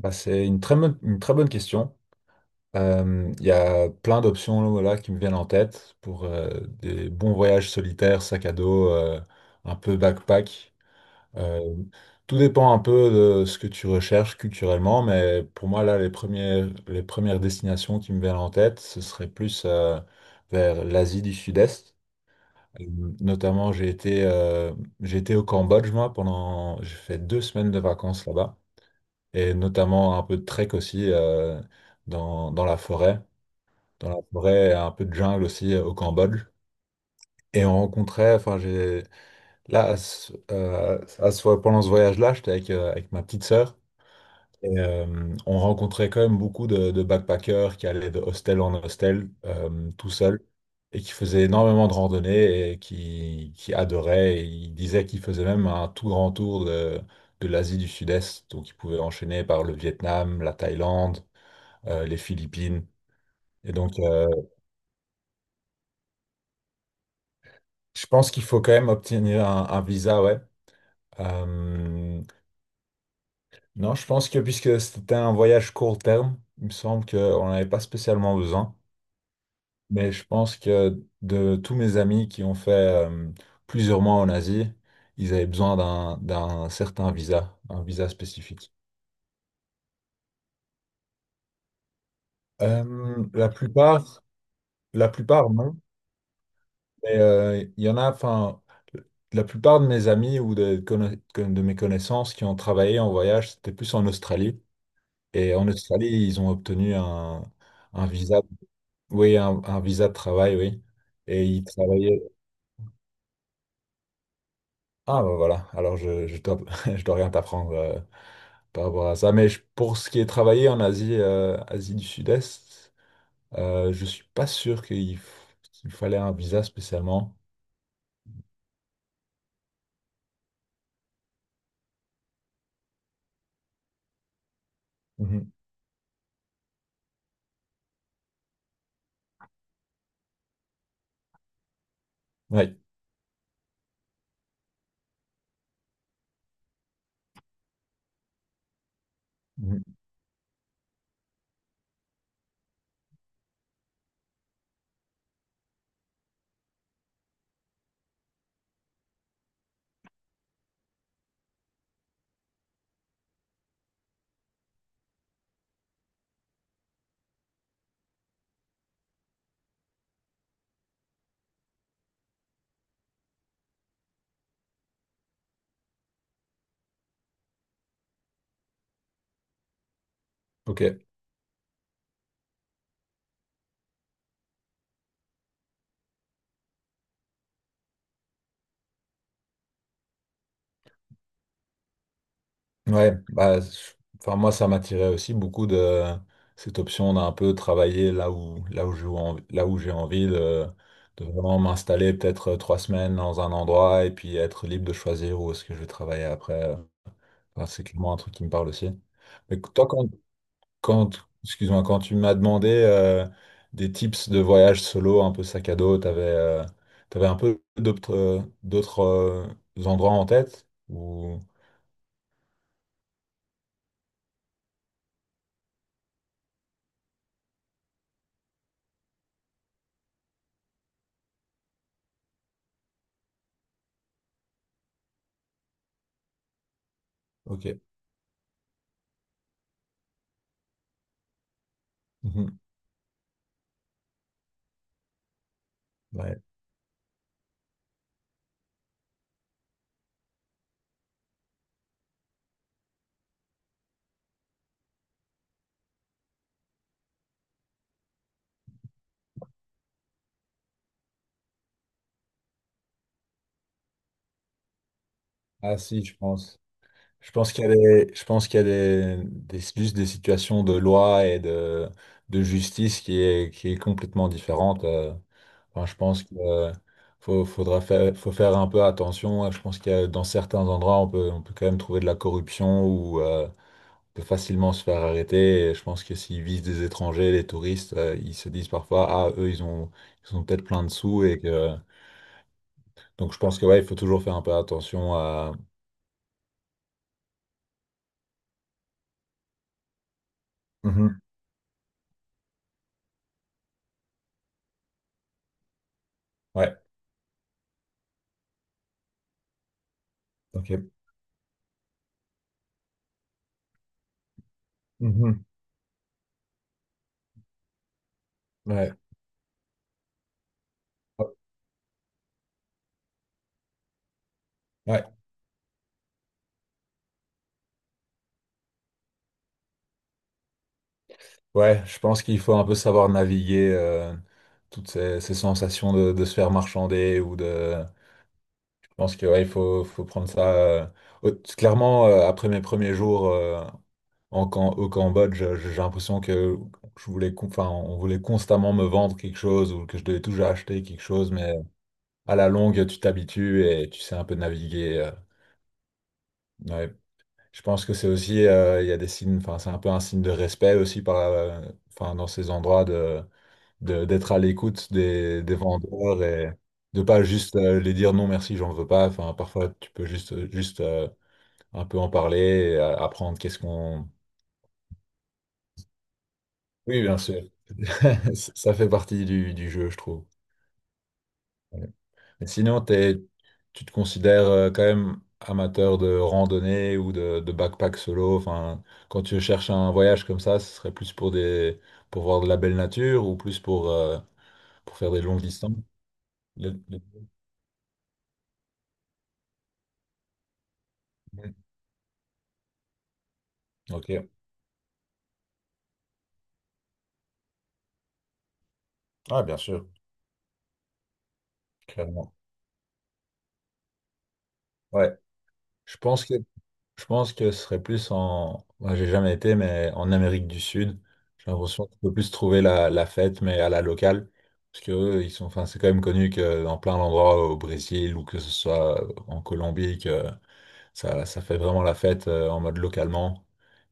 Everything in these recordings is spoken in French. Bah, c'est une très bonne question. Il y a plein d'options là, voilà, qui me viennent en tête pour des bons voyages solitaires, sac à dos, un peu backpack. Euh, tout dépend un peu de ce que tu recherches culturellement, mais pour moi, là, les premières destinations qui me viennent en tête, ce serait plus vers l'Asie du Sud-Est. Euh, Notamment, j'ai été au Cambodge, moi, j'ai fait deux semaines de vacances là-bas et notamment un peu de trek aussi dans, dans la forêt, dans la forêt, un peu de jungle aussi au Cambodge. Et on rencontrait, enfin j'ai là à ce- pendant ce voyage-là, j'étais avec ma petite sœur. Et on rencontrait quand même beaucoup de backpackers qui allaient de hostel en hostel tout seuls et qui faisaient énormément de randonnées et qui adoraient. Et ils disaient qu'ils faisaient même un tout grand tour de l'Asie du Sud-Est. Donc ils pouvaient enchaîner par le Vietnam, la Thaïlande les Philippines. Et donc, je pense qu'il faut quand même obtenir un visa, ouais. Euh, non, je pense que puisque c'était un voyage court terme, il me semble qu'on n'avait pas spécialement besoin. Mais je pense que de tous mes amis qui ont fait plusieurs mois en Asie, ils avaient besoin d'un certain visa, un visa spécifique. Euh, la plupart, la plupart, non. Mais il y en a, enfin, la plupart de mes amis ou de mes connaissances qui ont travaillé en voyage, c'était plus en Australie. Et en Australie, ils ont obtenu un visa, un visa de travail, oui. Et ils travaillaient. Ah, ben voilà. Alors, je dois, je dois rien t'apprendre par rapport à ça. Pour ce qui est travailler en Asie, Asie du Sud-Est, je suis pas sûr qu'il f- qu'il fallait un visa spécialement. Mhm. Oui. Mhm. Ok. Ouais, bah, je- enfin, moi, ça m'attirait aussi beaucoup de cette option d'un peu travailler là où j'ai envie, de vraiment m'installer peut-être trois semaines dans un endroit et puis être libre de choisir où est-ce que je vais travailler après. Enfin, c'est clairement un truc qui me parle aussi. Mais toi, quand, quand, excuse-moi, quand tu m'as demandé des tips de voyage solo, un peu sac à dos, t'avais un peu d'autres endroits en tête ou... Ok. Mhm. Ouais. Ah si, je pense. Je pense qu'il y a des, je pense qu'il y a des, juste des situations de loi et de, qui est complètement différente. Enfin, je pense qu'il faut, faudra faire, faut faire un peu attention. Je pense qu'il y a, dans certains endroits, on peut quand même trouver de la corruption ou on peut facilement se faire arrêter. Et je pense que s'ils visent des étrangers, des touristes, ils se disent parfois, ah, ils ont peut-être plein de sous et que, donc je pense que ouais, il faut toujours faire un peu attention à. Mhm. Ouais. Ok. Mhm. Ouais. Oh, Ouais. Ouais, je pense qu'il faut un peu savoir naviguer toutes ces sensations de se faire marchander ou de... Je pense que ouais, il faut, faut prendre ça... au- Clairement, après mes premiers jours au Cambodge, j'ai l'impression que enfin, on voulait constamment me vendre quelque chose ou que je devais toujours acheter quelque chose, mais à la longue, tu t'habitues et tu sais un peu naviguer. Ouais, Je pense que c'est aussi, il y a des signes, enfin, c'est un peu un signe de respect aussi par, enfin, dans ces endroits d'être à l'écoute des vendeurs et de pas juste les dire non merci, j'en veux pas. Enfin, parfois, juste un peu en parler, et, apprendre qu'est-ce qu'on. Oui, bien sûr. Ça fait partie du jeu, je trouve. Et sinon, tu te considères quand même amateur de randonnée ou de backpack solo. Enfin, quand tu cherches un voyage comme ça, ce serait plus pour des, pour voir de la belle nature ou plus pour faire des longues distances. Le- le- Ok. Ah, bien sûr, clairement. Ouais. Je pense que Je pense que ce serait plus en. Moi, j'ai jamais été, mais en Amérique du Sud. J'ai l'impression qu'on peut plus trouver la fête, mais à la locale. Parce que eux, ils sont. Enfin, c'est quand même connu que dans plein d'endroits au Brésil ou que ce soit en Colombie, que ça fait vraiment la fête en mode localement.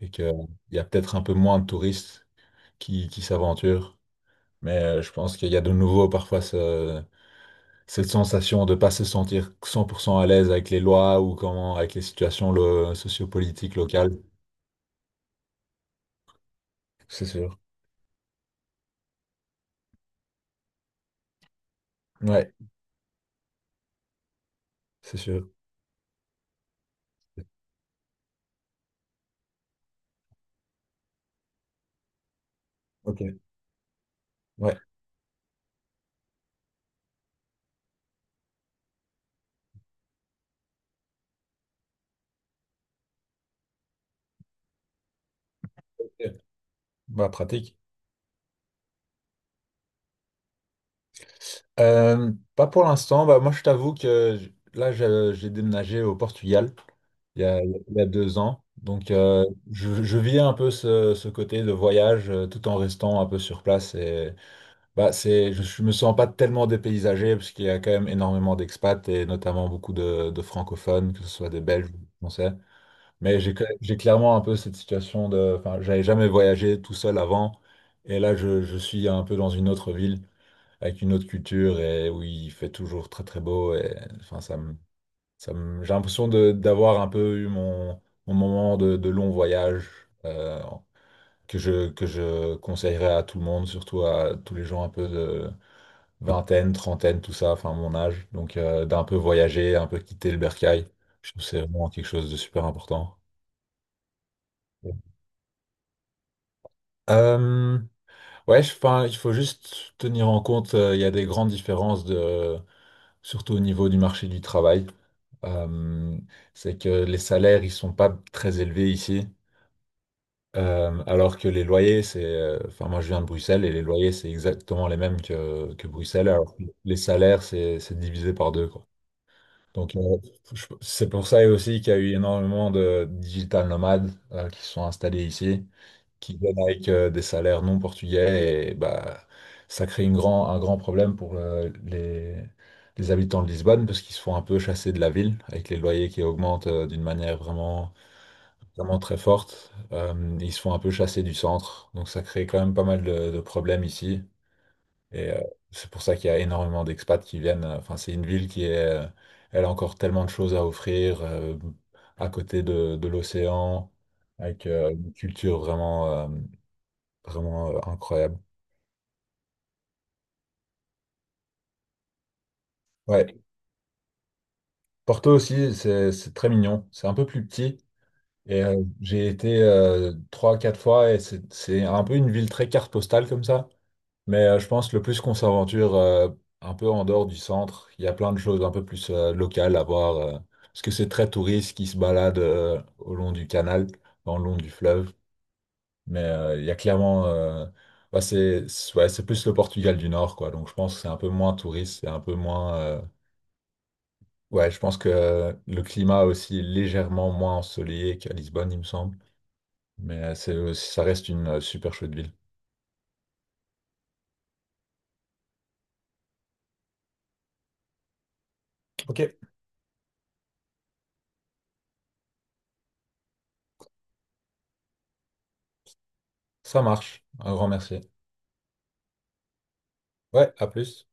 Et qu'il y a peut-être un peu moins de touristes qui s'aventurent. Mais je pense qu'il y a de nouveau parfois cette sensation de ne pas se sentir 100% à l'aise avec les lois ou comment, avec les situations sociopolitiques locales. C'est sûr. Ouais, c'est sûr. Ok. Ouais. Ok. Bah, pratique. Pas pour l'instant. Bah, moi, je t'avoue que j- là, je- j'ai déménagé au Portugal il y a deux ans. Donc, je vis un peu ce côté de voyage tout en restant un peu sur place. Et, bah, c'est, je me sens pas tellement dépaysagé parce qu'il y a quand même énormément d'expats et notamment beaucoup de francophones, que ce soit des Belges ou des Français. Mais j'ai clairement un peu cette situation de... Enfin, j'avais jamais voyagé tout seul avant. Et là, je suis un peu dans une autre ville, avec une autre culture, et où il fait toujours très très beau. Et enfin, j'ai l'impression d'avoir un peu eu mon, mon moment de long voyage, euh, que je conseillerais à tout le monde, surtout à tous les gens un peu de vingtaine, trentaine, tout ça, enfin mon âge. Donc, d'un peu voyager, un peu quitter le bercail. Je trouve que c'est vraiment quelque chose de super important. Euh, Ouais, enfin, il faut juste tenir en compte, il y a des grandes différences de, surtout au niveau du marché du travail. Euh, c'est que les salaires, ils sont pas très élevés ici. Alors que les loyers, enfin, moi je viens de Bruxelles et les loyers, c'est exactement les mêmes que Bruxelles, alors que les salaires, c'est divisé par deux, quoi. Donc, c'est pour ça aussi qu'il y a eu énormément de digital nomades, qui se sont installés ici qui viennent avec des salaires non portugais et bah, ça crée un grand problème pour les habitants de Lisbonne parce qu'ils se font un peu chasser de la ville avec les loyers qui augmentent d'une manière vraiment, vraiment très forte. Ils se font un peu chasser du centre, donc ça crée quand même pas mal de problèmes ici. Et c'est pour ça qu'il y a énormément d'expats qui viennent. Enfin, c'est une ville qui est, elle a encore tellement de choses à offrir à côté de l'océan, avec une culture vraiment, vraiment incroyable. Ouais, Porto aussi, c'est très mignon. C'est un peu plus petit. Et j'ai été trois, quatre fois et c'est un peu une ville très carte postale comme ça. Mais je pense le plus qu'on s'aventure un peu en dehors du centre, il y a plein de choses un peu plus locales à voir. Parce que c'est très touriste qui se balade au long du canal, dans le long du fleuve. Mais il y a clairement. Bah, ouais, c'est plus le Portugal du Nord, quoi. Donc je pense que c'est un peu moins touriste, c'est un peu moins. Ouais, je pense que le climat est aussi est légèrement moins ensoleillé qu'à Lisbonne, il me semble. Mais ça reste une super chouette ville. Ok, ça marche. Un grand merci. Ouais, à plus.